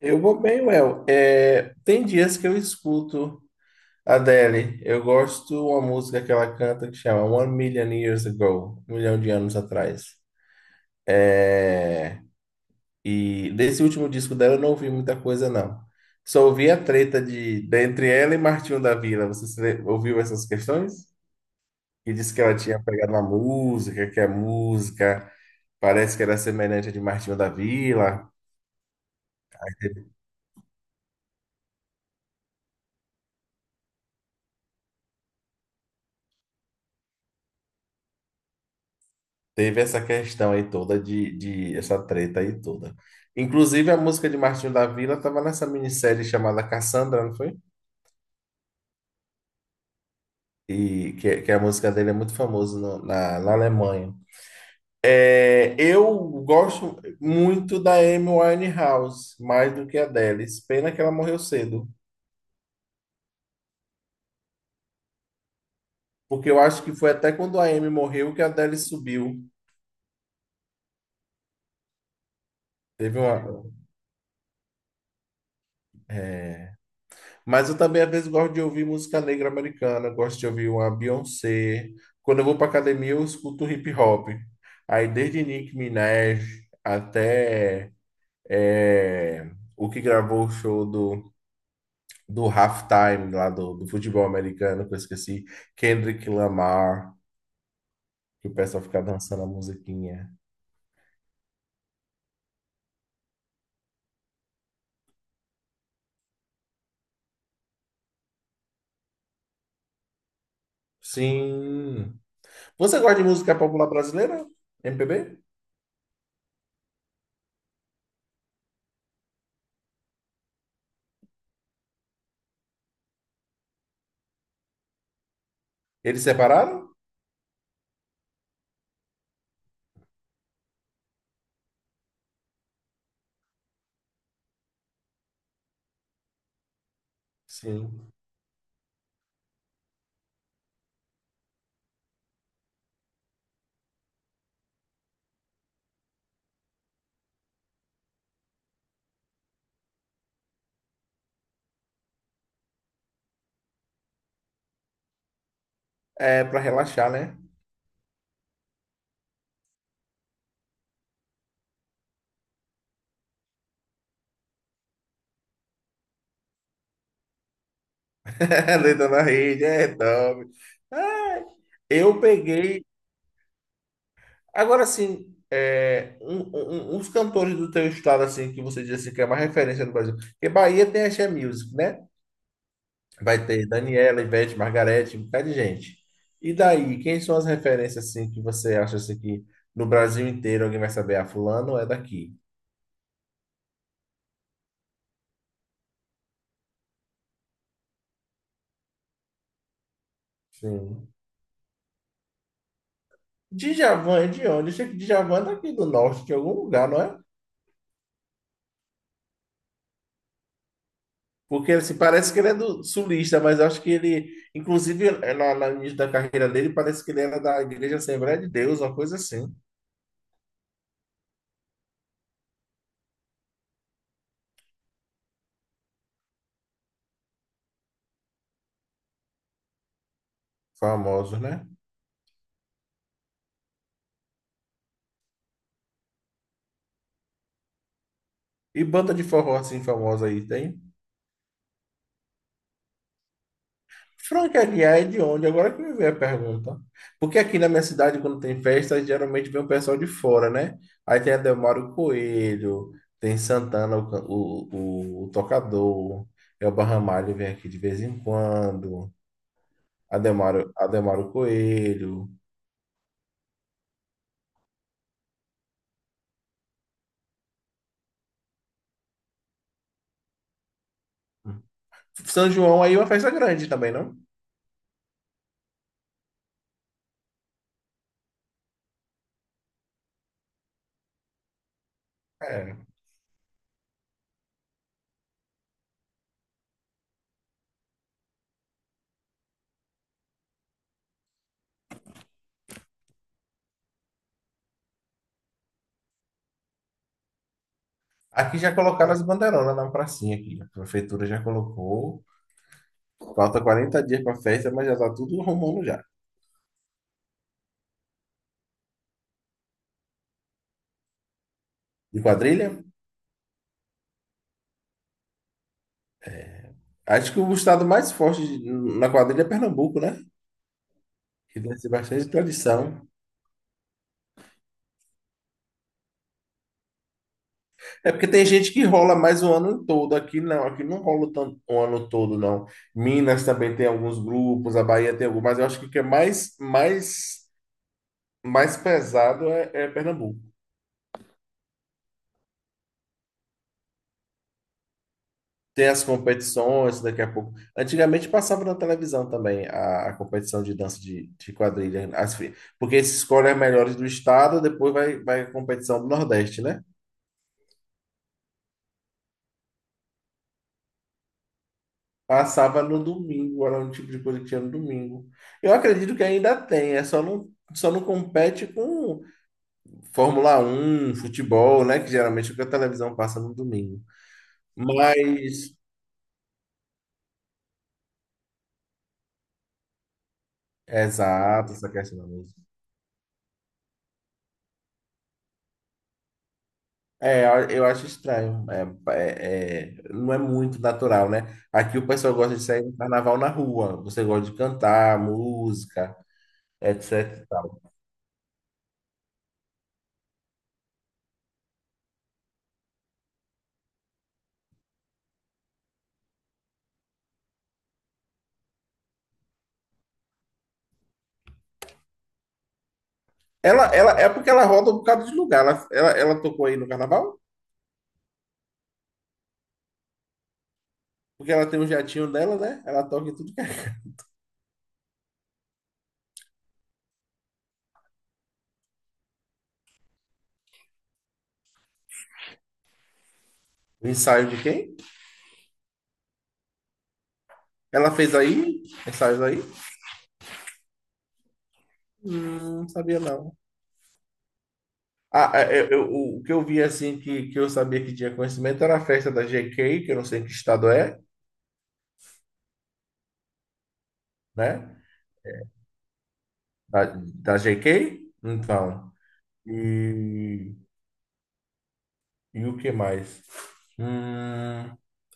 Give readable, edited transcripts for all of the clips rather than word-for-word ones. Eu vou bem, Well. É, tem dias que eu escuto a Adele. Eu gosto uma música que ela canta que chama One Million Years Ago, 1 milhão de anos atrás. E desse último disco dela eu não ouvi muita coisa, não. Só ouvi a treta entre ela e Martinho da Vila. Você se le- ouviu essas questões? E disse que ela tinha pegado uma música, que a música parece que era semelhante à de Martinho da Vila. Teve essa questão aí toda de essa treta aí toda. Inclusive a música de Martinho da Vila estava nessa minissérie chamada Cassandra, não foi? E que a música dele é muito famosa na Alemanha. É, eu gosto muito da Amy Winehouse, mais do que a Adele. Pena que ela morreu cedo, porque eu acho que foi até quando a Amy morreu que a Adele subiu. Teve uma, é, Mas eu também, às vezes, gosto de ouvir música negra americana, gosto de ouvir uma Beyoncé. Quando eu vou para academia, eu escuto hip hop. Aí, desde Nicki Minaj até o que gravou o show do halftime lá do futebol americano, que eu esqueci, Kendrick Lamar, que o pessoal fica dançando a musiquinha. Sim. Você gosta de música popular brasileira? MPB? Eles separaram? Sim. É para relaxar, né? Deita na rede, é, dorme. Ah, eu peguei. Agora, sim, uns cantores do teu estado, assim, que você diz assim, que é uma referência no Brasil. Porque Bahia tem Axé Music, né? Vai ter Daniela, Ivete, Margarete, um bocado de gente. E daí, quem são as referências, assim, que você acha, assim, que no Brasil inteiro alguém vai saber? Ah, fulano é daqui. Sim. Djavan é de onde? Eu sei que Djavan é daqui do norte, de algum lugar, não é? Porque assim, parece que ele é do sulista, mas eu acho que ele, inclusive, lá no início da carreira dele, parece que ele era da Igreja Assembleia de Deus, uma coisa assim. Famoso, né? E banda de forró assim famosa aí tem? Frank Aguiar é de onde? Agora que me veio a pergunta. Porque aqui na minha cidade, quando tem festa, geralmente vem o pessoal de fora, né? Aí tem Adelmário Coelho, tem Santana, o, can- o tocador, Elba Ramalho vem aqui de vez em quando, Adelmário Coelho. São João aí é uma festa grande também, não? É. Aqui já colocaram as bandeironas na pracinha aqui. A prefeitura já colocou. Falta 40 dias para a festa, mas já tá tudo arrumando já. De quadrilha? Acho que o estado mais forte na quadrilha é Pernambuco, né? Que deve ser bastante tradição. É porque tem gente que rola mais o ano todo. Aqui não rola tanto o ano todo, não. Minas também tem alguns grupos, a Bahia tem alguns, mas eu acho que o que é mais pesado é Pernambuco. Tem as competições daqui a pouco. Antigamente passava na televisão também a competição de dança de quadrilha. Porque esses escolhem as melhores do estado, depois vai a competição do Nordeste, né? Passava no domingo, era um tipo de coisa que tinha no domingo. Eu acredito que ainda tem, é só não, compete com Fórmula 1 futebol, né? Que geralmente é o que a televisão passa no domingo. Mas, exato, essa questão. É, eu acho estranho. É, não é muito natural, né? Aqui o pessoal gosta de sair no carnaval na rua. Você gosta de cantar, música, etc. Ela, é porque ela roda um bocado de lugar. Ela tocou aí no carnaval? Porque ela tem um jatinho dela, né? Ela toca em tudo que é. O ensaio de quem? Ela fez aí? Ensaios aí? Não sabia não. Ah, o que eu vi assim que eu sabia que tinha conhecimento era a festa da GK, que eu não sei que estado é, né? Da, da GK? Então. E, e o que mais? Hum,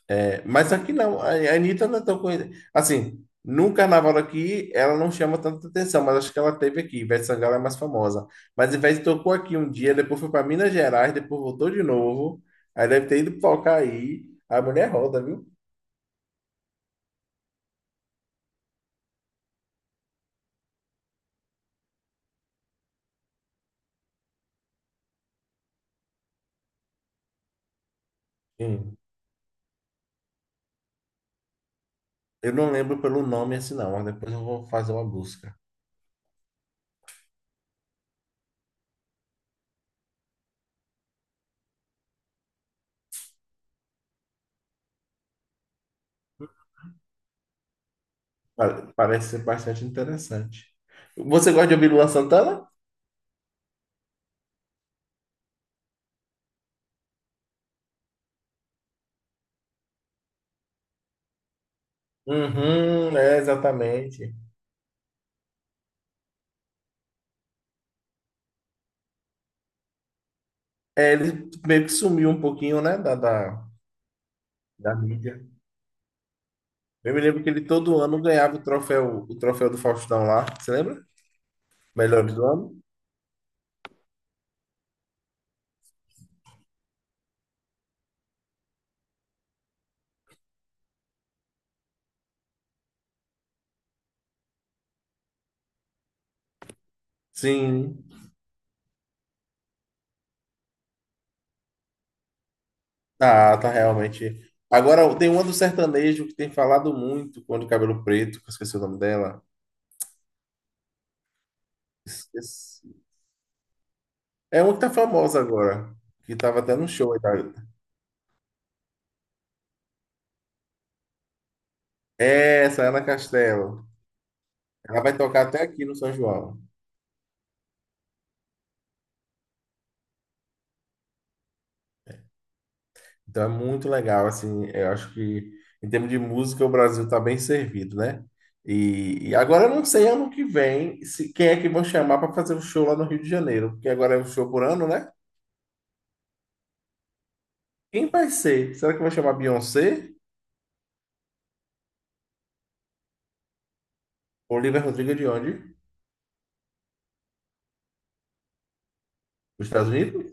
mas aqui não, a Anitta não é tão conhecida. Assim, no carnaval aqui, ela não chama tanta atenção, mas acho que ela teve aqui. Ivete Sangalo é mais famosa. Mas Ivete tocou aqui um dia, depois foi para Minas Gerais, depois voltou de novo. Aí deve ter ido tocar aí. A mulher roda, viu? Sim. Eu não lembro pelo nome assim, não, mas depois eu vou fazer uma busca. Parece ser bastante interessante. Você gosta de ouvir Lua Santana? Uhum, exatamente. É, ele meio que sumiu um pouquinho, né, da mídia. Eu me lembro que ele todo ano ganhava o troféu do Faustão lá, você lembra? Melhor do ano? Sim. Ah, tá realmente. Agora tem uma do sertanejo que tem falado muito quando o cabelo preto, que eu esqueci o nome dela. Esqueci. É uma que tá famosa agora, que tava até no show aí, tá? É essa, Ana Castela. Ela vai tocar até aqui no São João. Então é muito legal, assim, eu acho que em termos de música o Brasil está bem servido, né? E agora eu não sei ano que vem se quem é que vão chamar para fazer o show lá no Rio de Janeiro, porque agora é um show por ano, né? Quem vai ser? Será que vai chamar Beyoncé? Olivia Rodrigo de onde? Dos Estados Unidos?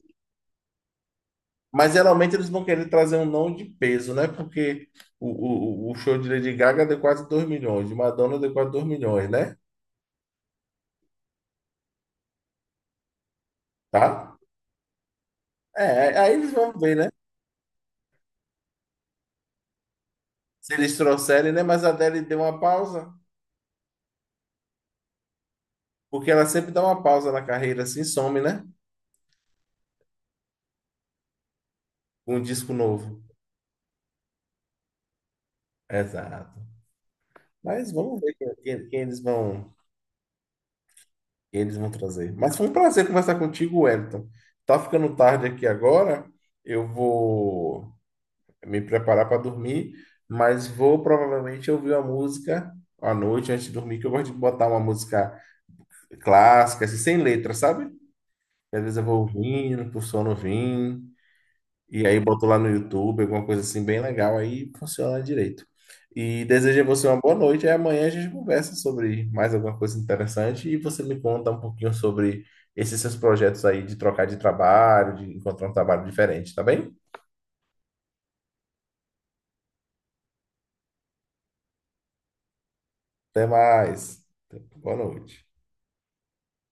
Mas geralmente eles vão querer trazer um nome de peso, né? Porque o show de Lady Gaga deu quase 2 milhões, de Madonna deu quase 2 milhões, né? Tá? É, aí eles vão ver, né? Se eles trouxerem, né? Mas a Adele deu uma pausa. Porque ela sempre dá uma pausa na carreira assim, some, né? Com um disco novo. Exato. Mas vamos ver quem eles vão trazer. Mas foi um prazer conversar contigo, Wellington. Tá ficando tarde aqui agora. Eu vou me preparar para dormir, mas vou provavelmente ouvir uma música à noite antes de dormir, que eu gosto de botar uma música clássica, assim, sem letra, sabe? Às vezes eu vou ouvindo, pro sono vir. E aí botou lá no YouTube, alguma coisa assim bem legal, aí funciona direito. E desejo a você uma boa noite, e amanhã a gente conversa sobre mais alguma coisa interessante e você me conta um pouquinho sobre esses seus projetos aí de trocar de trabalho, de encontrar um trabalho diferente, tá bem? Até mais. Boa noite.